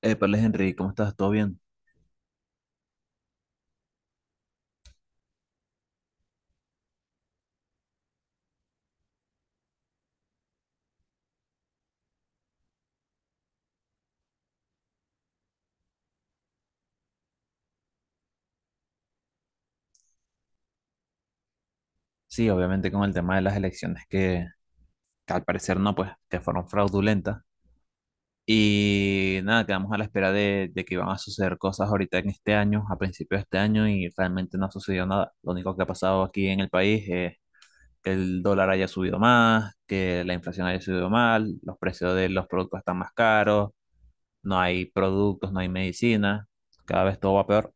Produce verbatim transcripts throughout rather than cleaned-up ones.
Épales, Henry, ¿cómo estás? ¿Todo bien? Sí, obviamente con el tema de las elecciones que, que al parecer no, pues, que fueron fraudulentas. Y nada, quedamos a la espera de, de que iban a suceder cosas ahorita en este año, a principios de este año, y realmente no ha sucedido nada. Lo único que ha pasado aquí en el país es que el dólar haya subido más, que la inflación haya subido mal, los precios de los productos están más caros, no hay productos, no hay medicina, cada vez todo va peor.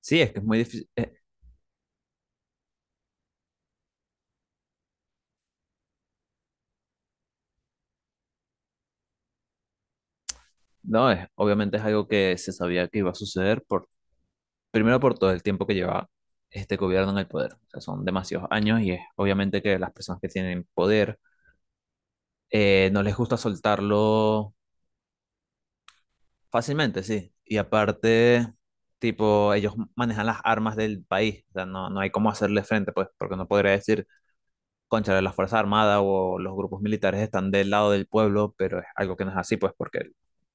Sí, es que es muy difícil. Eh, no, es, obviamente es algo que se sabía que iba a suceder por. Primero por todo el tiempo que lleva este gobierno en el poder. O sea, son demasiados años y es obviamente que las personas que tienen poder eh, no les gusta soltarlo fácilmente, sí. Y aparte, tipo, ellos manejan las armas del país. O sea, no, no hay cómo hacerle frente, pues, porque no podría decir, concha, las Fuerzas Armadas o los grupos militares están del lado del pueblo, pero es algo que no es así, pues, porque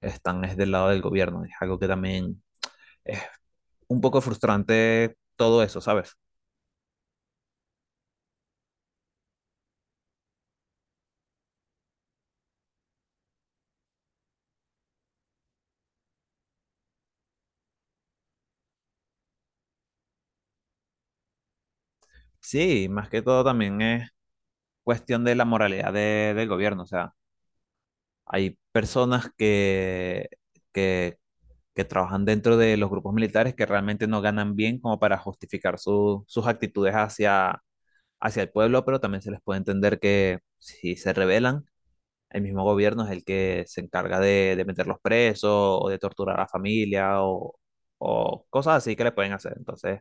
están es del lado del gobierno. Es algo que también es un poco frustrante todo eso, ¿sabes? Sí, más que todo también es cuestión de la moralidad de- del gobierno. O sea, hay personas que, que, que trabajan dentro de los grupos militares que realmente no ganan bien como para justificar su- sus actitudes hacia, hacia el pueblo, pero también se les puede entender que si se rebelan, el mismo gobierno es el que se encarga de, de meterlos presos o de torturar a la familia o, o cosas así que le pueden hacer. Entonces,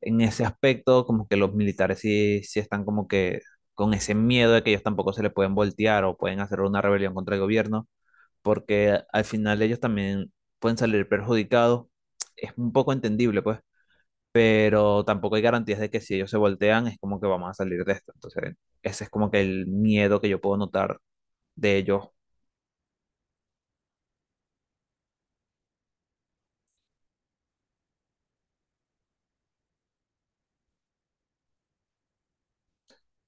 en ese aspecto, como que los militares sí, sí están como que con ese miedo de que ellos tampoco se le pueden voltear o pueden hacer una rebelión contra el gobierno, porque al final ellos también pueden salir perjudicados. Es un poco entendible, pues, pero tampoco hay garantías de que si ellos se voltean es como que vamos a salir de esto. Entonces, ese es como que el miedo que yo puedo notar de ellos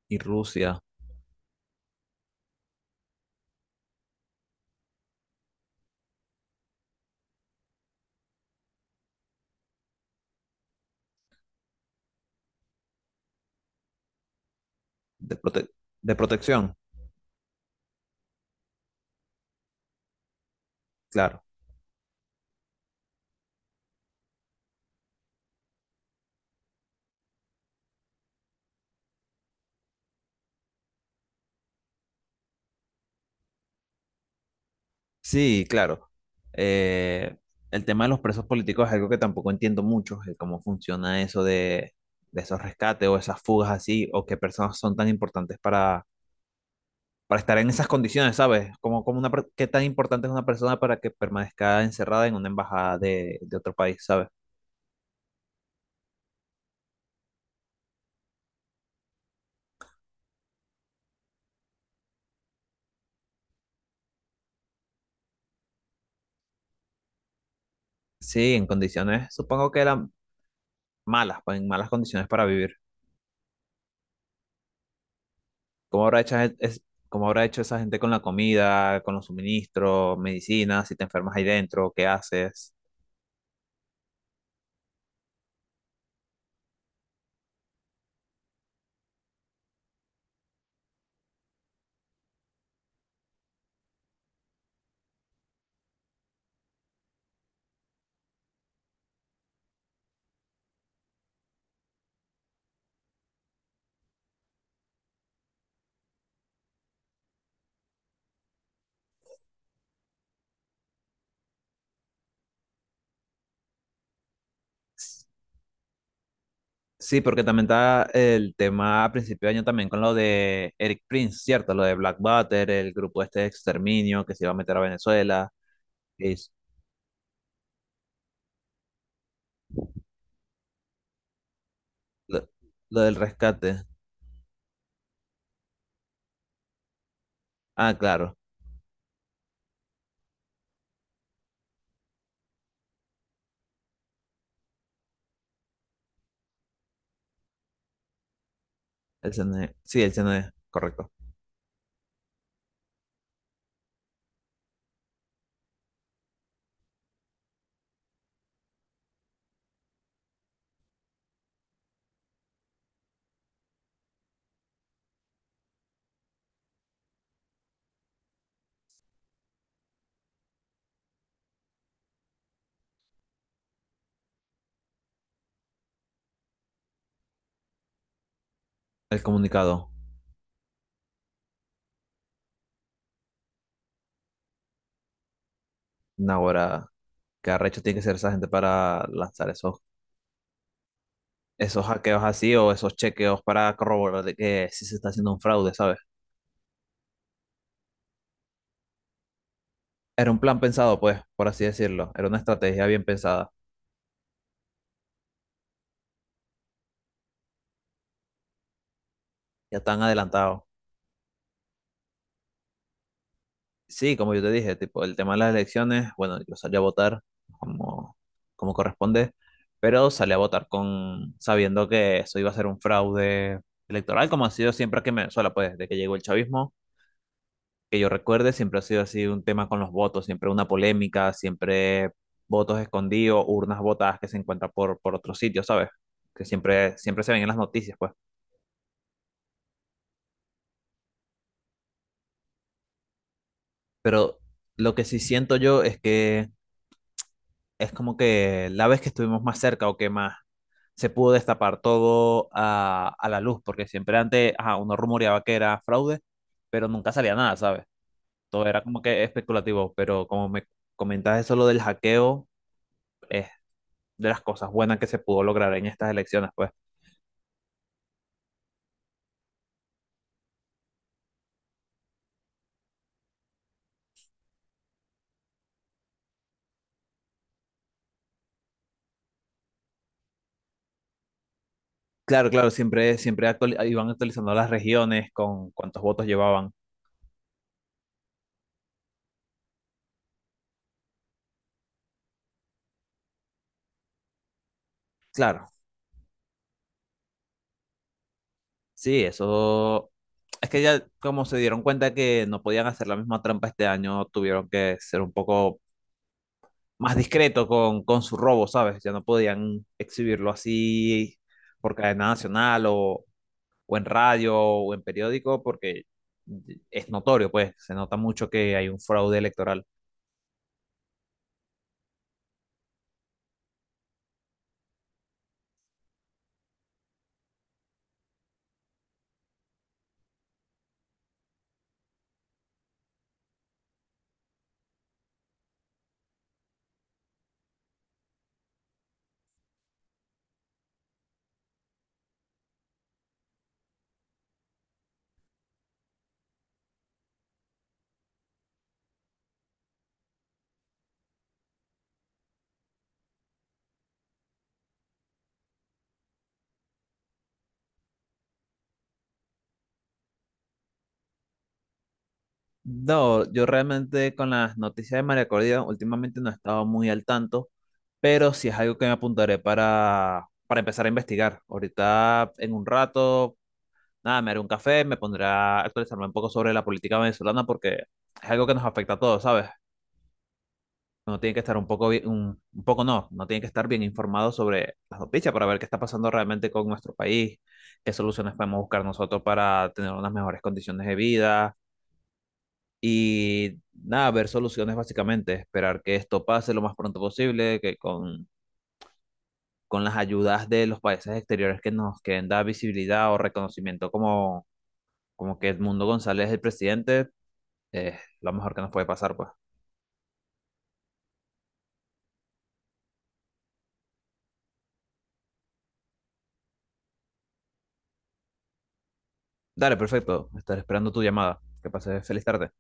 y Rusia de prote- de protección, claro. Sí, claro. Eh, el tema de los presos políticos es algo que tampoco entiendo mucho, el cómo funciona eso de, de esos rescates o esas fugas así, o qué personas son tan importantes para, para estar en esas condiciones, ¿sabes? Como, como una, per- qué tan importante es una persona para que permanezca encerrada en una embajada de, de otro país, ¿sabes? Sí, en condiciones, supongo que eran malas, pues, en malas condiciones para vivir. ¿Cómo habrá hecho, es, es- cómo habrá hecho esa gente con la comida, con los suministros, medicinas, si te enfermas ahí dentro, qué haces? Sí, porque también está el tema a principio de año también con lo de Eric Prince, ¿cierto? Lo de Blackwater, el grupo este de exterminio que se iba a meter a Venezuela, y lo, lo del rescate. Ah, claro, el C N E. Sí, el C N E, correcto. El comunicado. Ahora, qué arrecho tiene que ser esa gente para lanzar esos, esos hackeos así o esos chequeos para corroborar de que sí se está haciendo un fraude, ¿sabes? Era un plan pensado, pues, por así decirlo. Era una estrategia bien pensada. Ya están adelantados. Sí, como yo te dije, tipo, el tema de las elecciones, bueno, yo salí a votar como, como corresponde, pero salí a votar con sabiendo que eso iba a ser un fraude electoral, como ha sido siempre aquí en Venezuela, pues desde que llegó el chavismo, que yo recuerde, siempre ha sido así un tema con los votos, siempre una polémica, siempre votos escondidos, urnas votadas que se encuentran por, por otros sitios, ¿sabes? Que siempre, siempre se ven en las noticias, pues. Pero lo que sí siento yo es que es como que la vez que estuvimos más cerca o que más se pudo destapar todo a, a la luz, porque siempre antes ajá, uno rumoreaba que era fraude, pero nunca salía nada, ¿sabes? Todo era como que especulativo, pero como me comentas eso lo del hackeo, es de las cosas buenas que se pudo lograr en estas elecciones, pues. Claro, claro, siempre, siempre actuali- iban actualizando las regiones con cuántos votos llevaban. Claro, sí, eso. Es que ya como se dieron cuenta que no podían hacer la misma trampa este año, tuvieron que ser un poco más discretos con, con su robo, ¿sabes? Ya no podían exhibirlo así por cadena nacional o, o en radio o en periódico porque es notorio, pues se nota mucho que hay un fraude electoral. No, yo realmente con las noticias de María Cordia últimamente no he estado muy al tanto, pero sí es algo que me apuntaré para, para empezar a investigar. Ahorita en un rato, nada, me haré un café, me pondré a actualizarme un poco sobre la política venezolana porque es algo que nos afecta a todos, ¿sabes? Uno tiene que estar un poco bien, un, un poco no, no tiene que estar bien informado sobre las noticias para ver qué está pasando realmente con nuestro país, qué soluciones podemos buscar nosotros para tener unas mejores condiciones de vida y nada, ver soluciones básicamente, esperar que esto pase lo más pronto posible, que con, con las ayudas de los países exteriores que nos quieren dar visibilidad o reconocimiento como, como que Edmundo González es el presidente, es lo mejor que nos puede pasar, pues. Dale, perfecto. Estaré esperando tu llamada. Que pases feliz tarde.